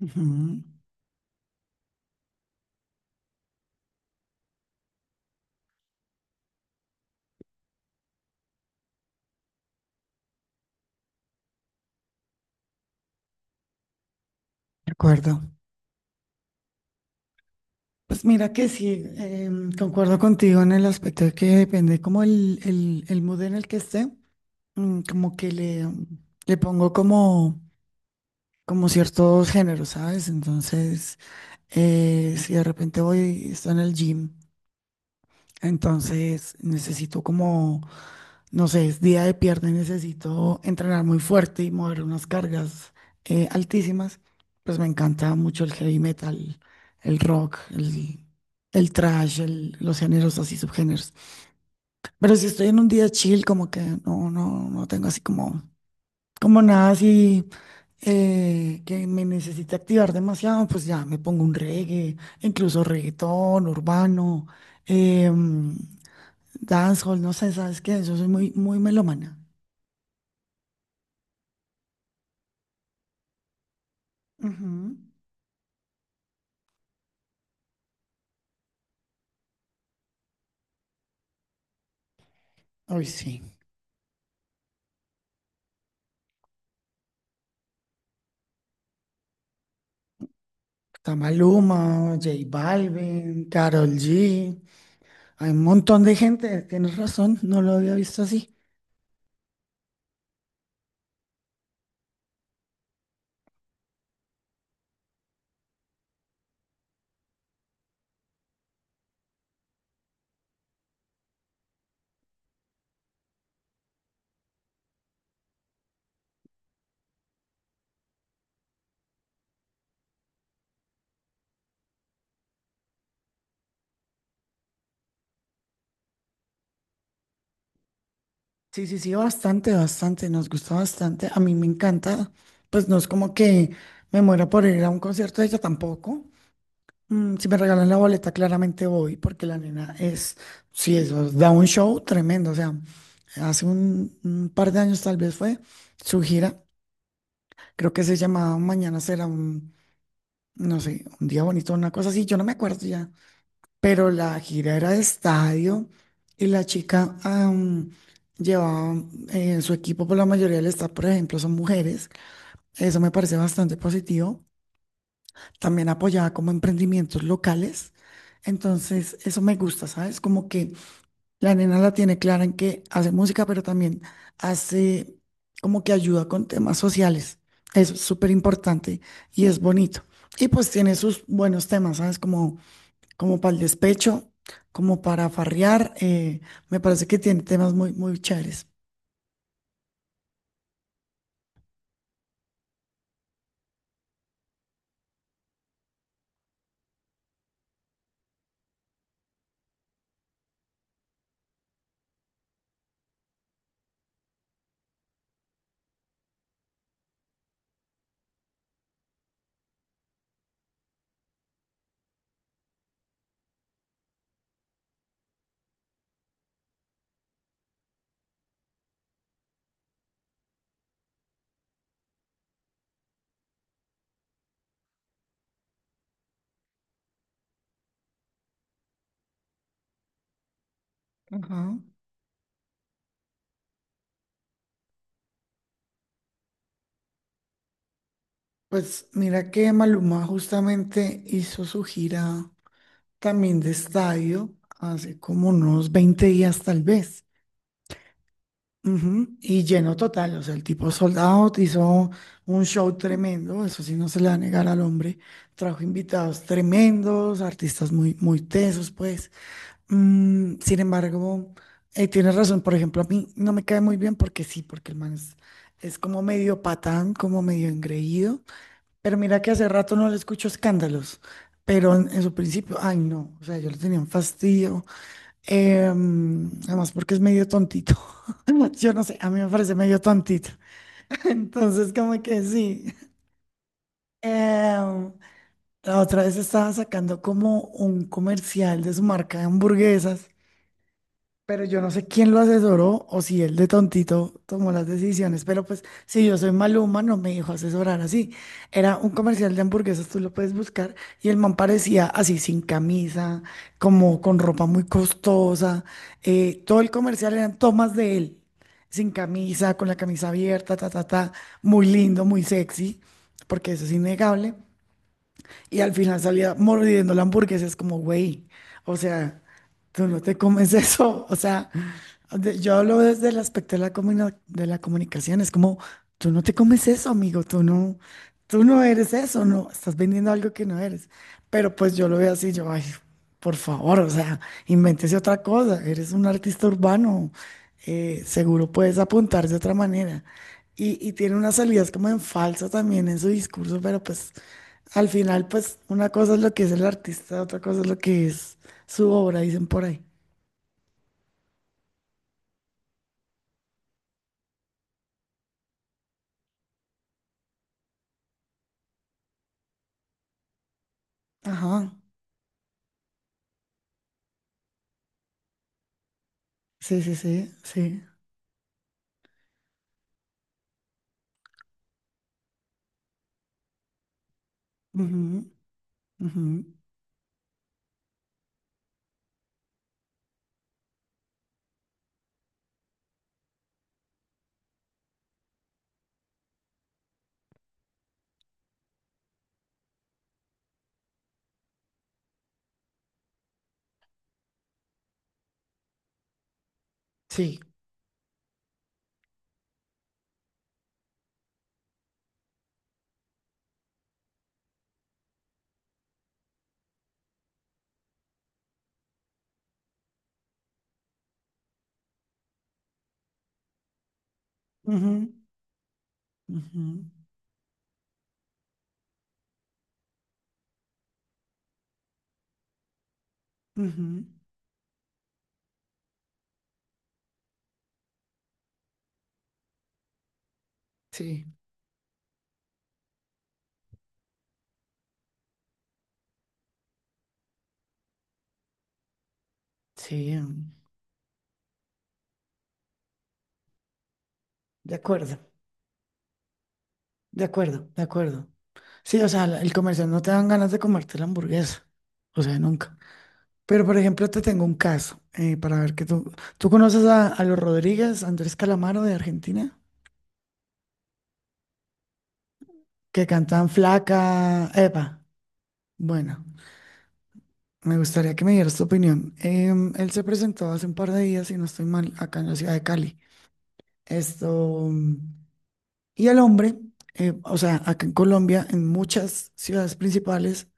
Ujú. De acuerdo. Pues mira que sí, concuerdo contigo en el aspecto de que depende como el mood en el que esté, como que le pongo como ciertos géneros, ¿sabes? Entonces, si de repente voy, estoy en el gym. Entonces necesito como, no sé, es día de pierna y necesito entrenar muy fuerte y mover unas cargas altísimas. Pues me encanta mucho el heavy metal, el rock, el thrash, los géneros así, subgéneros. Pero si estoy en un día chill, como que no tengo así como, como nada así que me necesite activar demasiado, pues ya me pongo un reggae, incluso reggaetón, urbano. em, Dancehall, no sé, ¿sabes qué? Yo soy muy, muy melómana. Ujú. Ay, sí. Está Maluma, J Balvin, Karol G. Hay un montón de gente, tienes razón, no lo había visto así. Sí, sí, sí, bastante, bastante, nos gusta bastante. A mí me encanta. Pues no es como que me muera por ir a un concierto de ella tampoco. Si me regalan la boleta, claramente voy, porque la nena es, sí, eso, da un show tremendo. O sea, hace un par de años tal vez fue su gira. Creo que se llamaba Mañana será un, no sé, un día bonito, una cosa así, yo no me acuerdo ya. Pero la gira era de estadio y la chica llevaba su equipo. Por la mayoría del staff, por ejemplo, son mujeres. Eso me parece bastante positivo. También apoyaba como emprendimientos locales. Entonces, eso me gusta, ¿sabes? Como que la nena la tiene clara en que hace música, pero también hace como que ayuda con temas sociales. Es súper importante y es bonito. Y pues tiene sus buenos temas, ¿sabes? Como para el despecho, como para farrear. Me parece que tiene temas muy, muy chéveres. Ajá. Pues mira que Maluma justamente hizo su gira también de estadio hace como unos 20 días tal vez. Ujú, y lleno total, o sea, el tipo soldado hizo un show tremendo, eso sí no se le va a negar al hombre. Trajo invitados tremendos, artistas muy, muy tesos, pues. Sin embargo, tienes razón. Por ejemplo, a mí no me cae muy bien porque sí, porque el man es como medio patán, como medio engreído. Pero mira que hace rato no le escucho escándalos, pero en su principio, ay no, o sea, yo le tenía un fastidio, además porque es medio tontito. Yo no sé, a mí me parece medio tontito. Entonces, como que sí. Em, la otra vez estaba sacando como un comercial de su marca de hamburguesas, pero yo no sé quién lo asesoró o si él de tontito tomó las decisiones, pero pues si yo soy Maluma no me dijo asesorar así. Era un comercial de hamburguesas, tú lo puedes buscar, y el man parecía así sin camisa, como con ropa muy costosa. Todo el comercial eran tomas de él, sin camisa, con la camisa abierta, ta, ta, ta, muy lindo, muy sexy, porque eso es innegable. Y al final salía mordiendo la hamburguesa. Es como, güey, o sea, tú no te comes eso. O sea, yo hablo desde el aspecto de la de la comunicación. Es como, tú no te comes eso, amigo. Tú no eres eso. No, estás vendiendo algo que no eres. Pero pues yo lo veo así, yo, ay, por favor, o sea, invéntese otra cosa, eres un artista urbano, seguro puedes apuntar de otra manera. Y tiene unas salidas como en falsa también en su discurso, pero pues al final, pues una cosa es lo que es el artista, otra cosa es lo que es su obra, dicen por ahí. Ajá, sí, sí, sí, sí. Ujú, ujú, sí. Ujú, ujú, ujú, sí, sí, mm, de acuerdo, de acuerdo, de acuerdo. Sí, o sea, el comercial no te dan ganas de comerte la hamburguesa. O sea, nunca. Pero, por ejemplo, te tengo un caso, para ver que tú. ¿Tú conoces a los Rodríguez, Andrés Calamaro de Argentina? Que cantan Flaca. Epa. Bueno, me gustaría que me dieras tu opinión. Él se presentó hace un par de días, si no estoy mal, acá en la ciudad de Cali. Esto. Y al hombre, o sea, acá en Colombia, en muchas ciudades principales,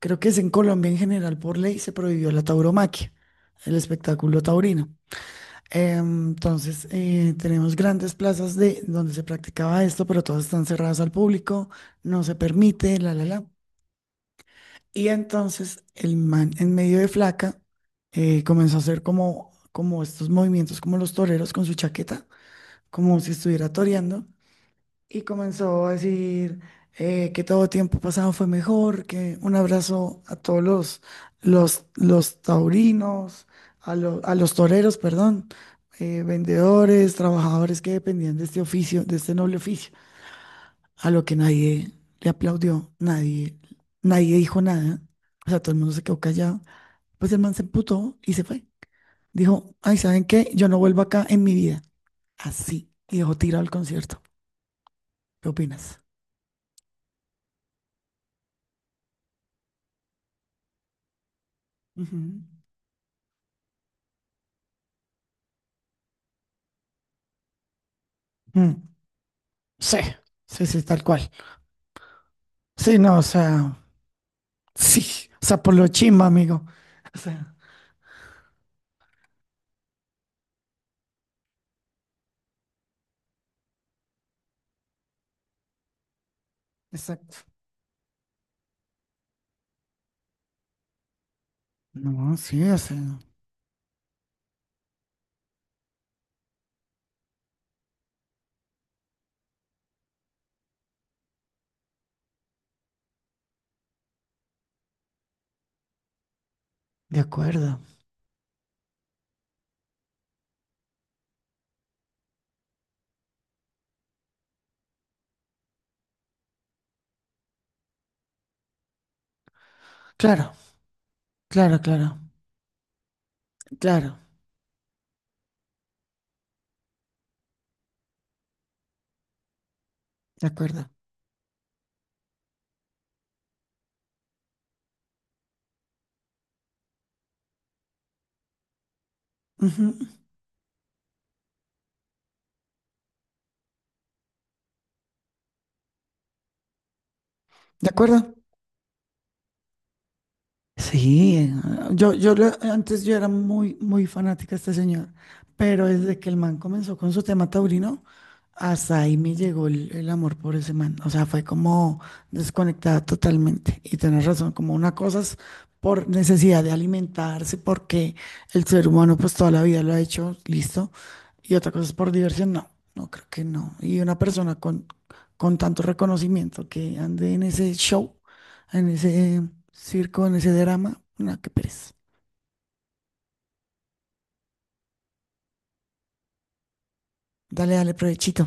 creo que es en Colombia en general, por ley se prohibió la tauromaquia, el espectáculo taurino. Entonces, tenemos grandes plazas de donde se practicaba esto, pero todas están cerradas al público, no se permite, la. Y entonces el man en medio de flaca comenzó a hacer como estos movimientos, como los toreros con su chaqueta, como si estuviera toreando. Y comenzó a decir que todo tiempo pasado fue mejor, que un abrazo a todos los taurinos, a los toreros, perdón, vendedores, trabajadores que dependían de este oficio, de este noble oficio, a lo que nadie le aplaudió, nadie, nadie dijo nada, o sea, todo el mundo se quedó callado. Pues el man se emputó y se fue. Dijo, ay, ¿saben qué? Yo no vuelvo acá en mi vida. Así. Y dejó tirado el concierto. ¿Qué opinas? Ujú. Mm, sí, sí, sí, tal cual. Sí, no, o sea, sí, o sea, por lo chimba, amigo. O sea, exacto. No, sí, o sea, de acuerdo. Claro, claro, claro, claro, de acuerdo. Ujú. De acuerdo. Sí, antes yo era muy, muy fanática de este señor, pero desde que el man comenzó con su tema taurino, hasta ahí me llegó el amor por ese man. O sea, fue como desconectada totalmente. Y tienes razón, como una cosa es por necesidad de alimentarse, porque el ser humano pues toda la vida lo ha hecho, listo. Y otra cosa es por diversión, no creo que no. Y una persona con, tanto reconocimiento que ande en ese show, en ese circo, en ese drama. No, qué pereza. Dale, dale, provechito.